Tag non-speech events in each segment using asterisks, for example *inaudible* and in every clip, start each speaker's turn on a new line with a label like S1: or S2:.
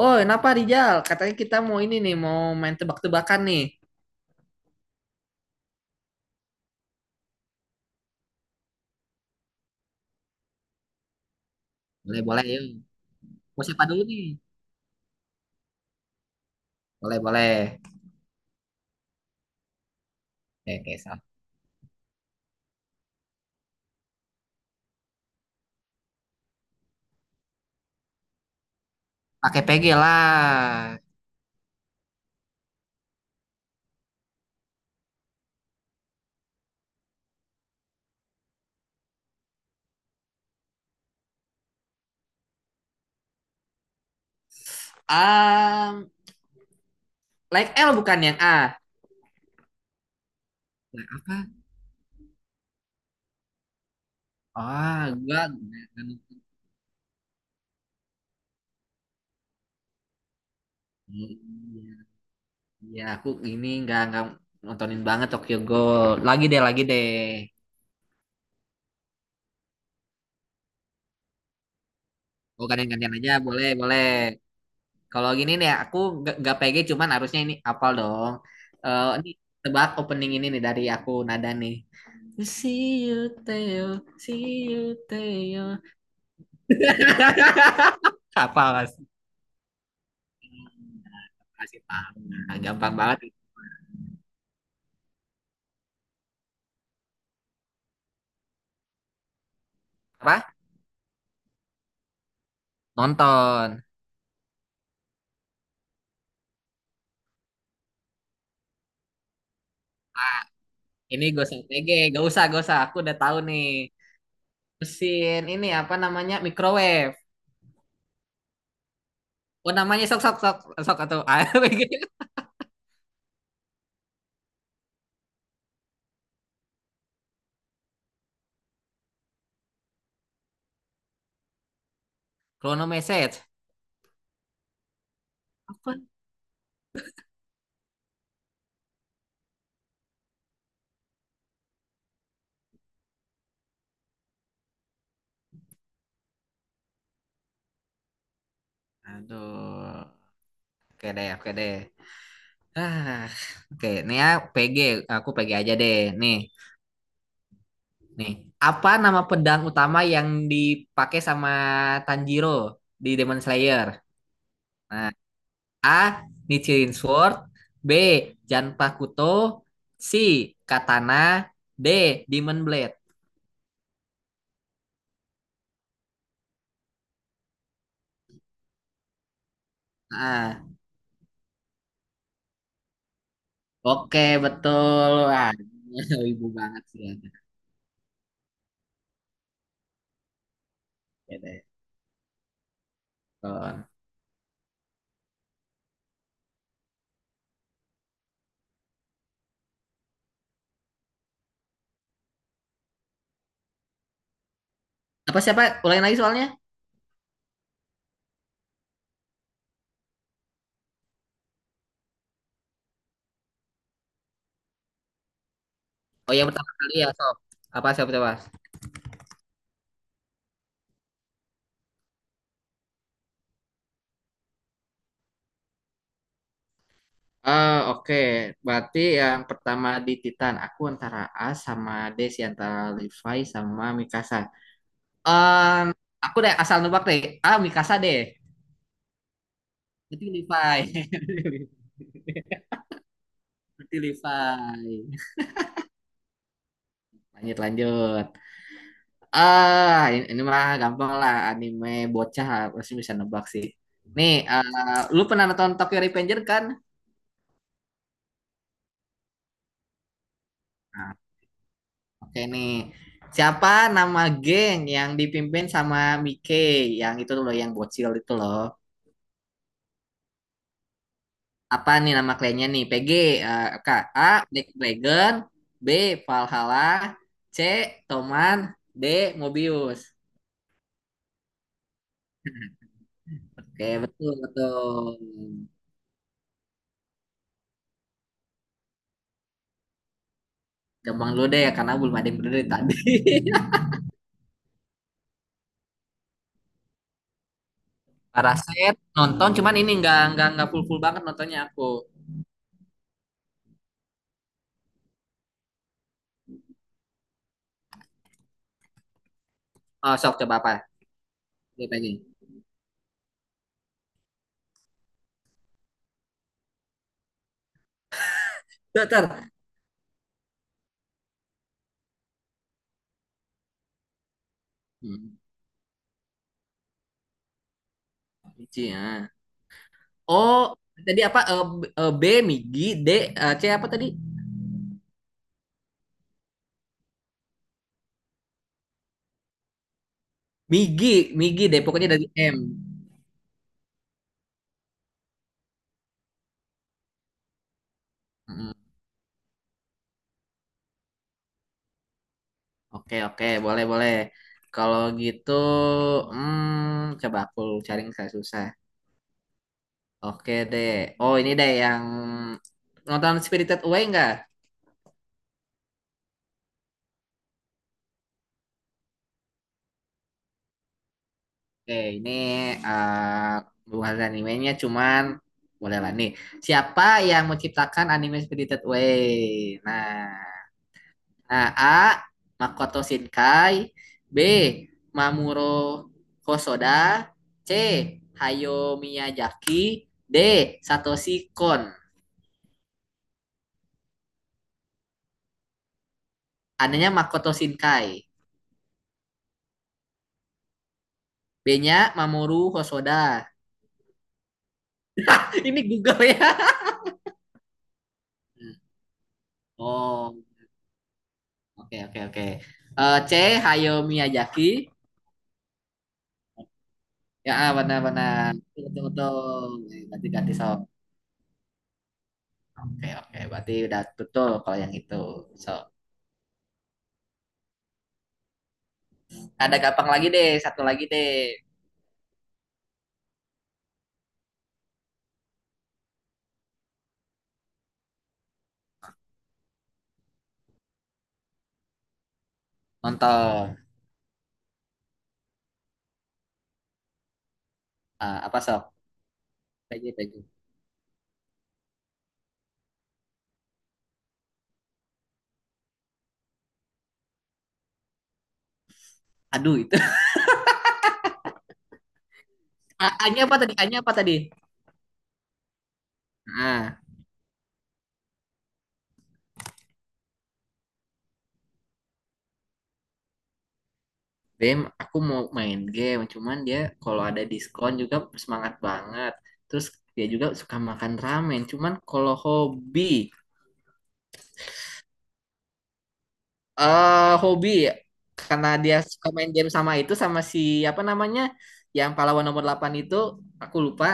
S1: Oh, kenapa Rijal? Katanya kita mau ini nih, mau main tebak-tebakan nih. Boleh, boleh, yuk. Mau siapa dulu nih? Boleh, boleh. Oke, oke, salah. Pakai PG lah. Um, like L bukan yang A. Apa? Ah, gua kan. Ya, aku ini nggak nontonin banget Tokyo Ghoul. Lagi deh, lagi deh. Oh, gantian-gantian aja, boleh, boleh. Kalau gini nih, aku nggak PG, cuman harusnya ini apal dong. Eh, ini tebak opening ini nih dari aku nada nih. See you, Theo. See you, Theo. *laughs* Apa mas? Kasih tangan. Gampang banget. Apa? Nonton. Ini gue TG. Gak usah, gak usah. Aku udah tahu nih. Mesin ini apa namanya? Microwave. Oh namanya sok sok sok sok atau *laughs* Chrono message. Apa? Aduh. Oke deh, oke deh. Ah, oke. Nih ya PG. Aku PG aja deh. Nih. Nih, apa nama pedang utama yang dipakai sama Tanjiro di Demon Slayer? Nah, A. Nichiren Sword, B. Janpakuto, C. Katana, D. Demon Blade. Nah, oke betul. Wah, *laughs* ibu banget sih. Oke. Apa siapa? Ulangin lagi soalnya? Oh yang pertama kali ya, sob. Apa siapa coba? Ah, oke. Berarti yang pertama di Titan, aku antara A sama D sih, antara Levi sama Mikasa. Em, aku deh asal nebak deh. Ah, Mikasa deh. Berarti Levi. *laughs* Berarti Levi. Lanjut, lanjut. Ah, ini mah gampang lah. Anime bocah pasti bisa nebak sih. Nih, eh, lu pernah nonton Tokyo Revenger kan? Nah, oke nih. Siapa nama geng yang dipimpin sama Mike yang itu loh yang bocil itu loh. Apa nih nama kliennya nih? PG, eh, Kak, A, Black Dragon, B, Valhalla, C, Toman, D, Mobius. *laughs* Oke, betul, betul. Gampang dulu deh karena belum ada yang bener dari tadi. *laughs* Paraset nonton cuman ini nggak full full banget nontonnya aku. Oh, sok coba apa? Dia lagi. Dokter. Hmm, Ichi, ya. Oh, tadi apa eh, B, Migi, D, eh, C apa tadi? Migi, Migi deh, pokoknya dari M. Mm, oke, oke, boleh, boleh. Kalau gitu, coba aku cari yang saya susah. Oke deh. Oh, ini deh yang nonton Spirited Away enggak? Oke, ini eh bukan animenya, cuman boleh lah nih. Siapa yang menciptakan anime Spirited Away? Nah. Nah, A. Makoto Shinkai. B. Mamuro Hosoda. C. Hayao Miyazaki. D. Satoshi Kon. Anehnya Makoto Shinkai. B-nya Mamoru Hosoda. *laughs* Ini Google ya. Oh, oke okay, oke okay, oke. Eh, C. Hayao Miyazaki. Ya, ah, benar-benar. Betul, betul. Berarti ganti sob. Oke, okay, oke. Okay. Berarti udah betul kalau yang itu. So, ada gampang lagi deh. Satu lagi deh. Nonton. Ah, apa sok PJ PJ aduh itu *laughs* A-nya apa tadi ah. Bem aku mau main game cuman dia kalau ada diskon juga semangat banget terus dia juga suka makan ramen cuman kalau hobi eh hobi karena dia suka main game sama itu sama si apa namanya yang pahlawan nomor 8 itu aku lupa.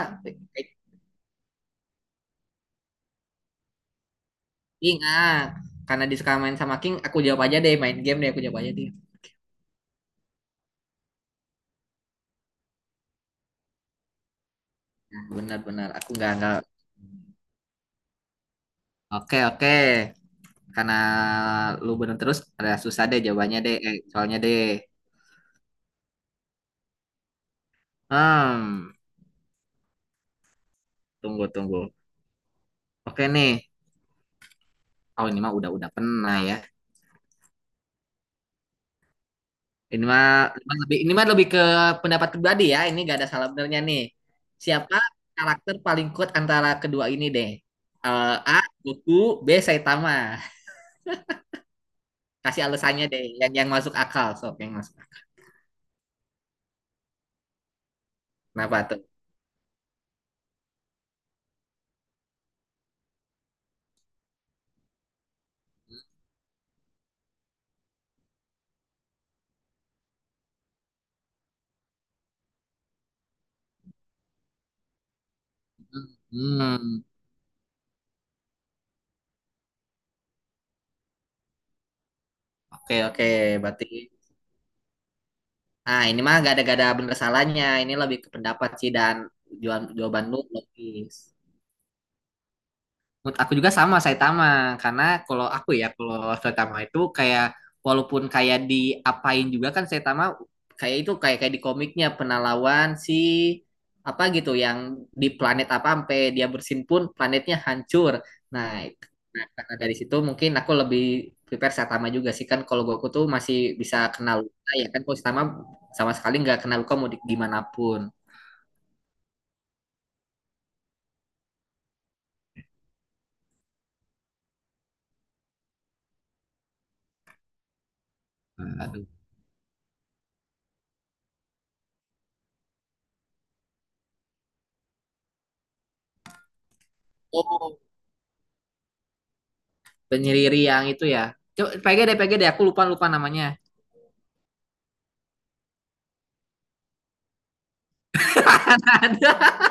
S1: King, ah, karena dia suka main sama King aku jawab aja deh main game deh aku jawab aja deh. Nah, benar-benar aku nggak nggak. Oke, oke. Karena lu bener terus, ada susah deh jawabannya deh, eh, soalnya deh. Hmm, tunggu, tunggu. Oke nih. Oh, ini mah udah pernah ya. Ini mah ini mah lebih ke pendapat pribadi ya. Ini gak ada salah benernya nih. Siapa karakter paling kuat antara kedua ini deh? Eh, A. Goku, B. Saitama. Kasih alasannya deh, yang masuk akal. Sok, yang masuk akal. Kenapa tuh? Hmm, oke oke. Berarti. Nah, ini mah gak ada bener salahnya. Ini lebih ke pendapat sih dan jawaban jawaban lu logis. Menurut aku juga sama Saitama karena kalau aku ya kalau Saitama itu kayak walaupun kayak diapain juga kan Saitama kayak itu kayak kayak di komiknya pernah lawan si apa gitu yang di planet apa sampai dia bersin pun planetnya hancur. Nah, karena dari situ mungkin aku lebih prepare Saitama juga sih kan kalau Goku tuh masih bisa kenal luka ya kan kalau Saitama sama sekali nggak kenal luka mau di, gimana pun. Hmm. Aduh. Oh, penyihir yang itu ya. Coba PG deh, PG deh. Aku lupa lupa namanya. *laughs* Ada.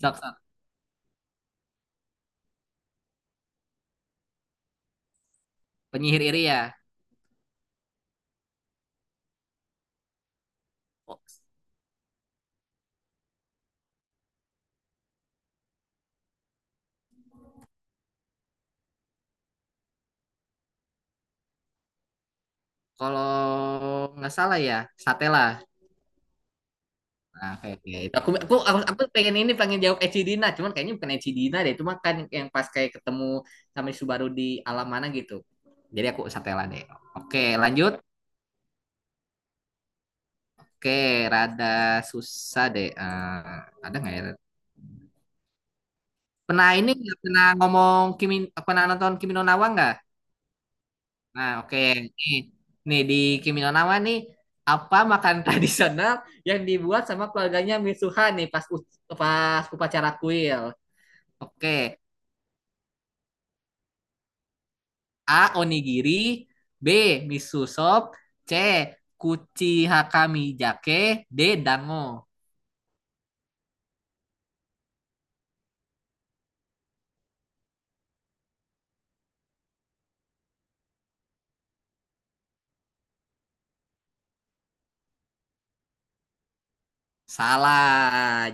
S1: Sok, sok. Penyihir iri ya. Kalau nggak salah ya, Satela. Nah, oke, oke. Itu Aku pengen ini, pengen jawab Eci Dina. Cuman kayaknya bukan Eci Dina deh. Cuma kan yang pas kayak ketemu sama Subaru di alam mana gitu. Jadi aku Satela deh. Oke, lanjut. Oke, rada susah deh. Eh, ada nggak ya? Pernah ini nggak? Pernah ngomong Kimi, pernah nonton Kimi no Na wa nggak? Nah, oke. Nih, nih di Kimi no Na wa nih, apa makan *laughs* tradisional yang dibuat sama keluarganya Mitsuha nih pas upacara kuil? Oke, A. Onigiri. B. Miso soup. C. Kuchi Hakami Jake. D. Dango. Salah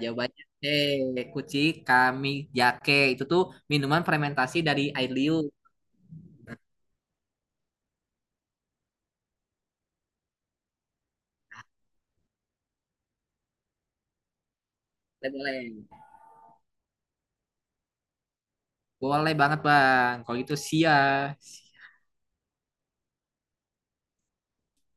S1: jawabannya C. Kuchi Kami Jake itu tuh minuman fermentasi dari air liu. Boleh boleh. Boleh banget bang kalau itu sia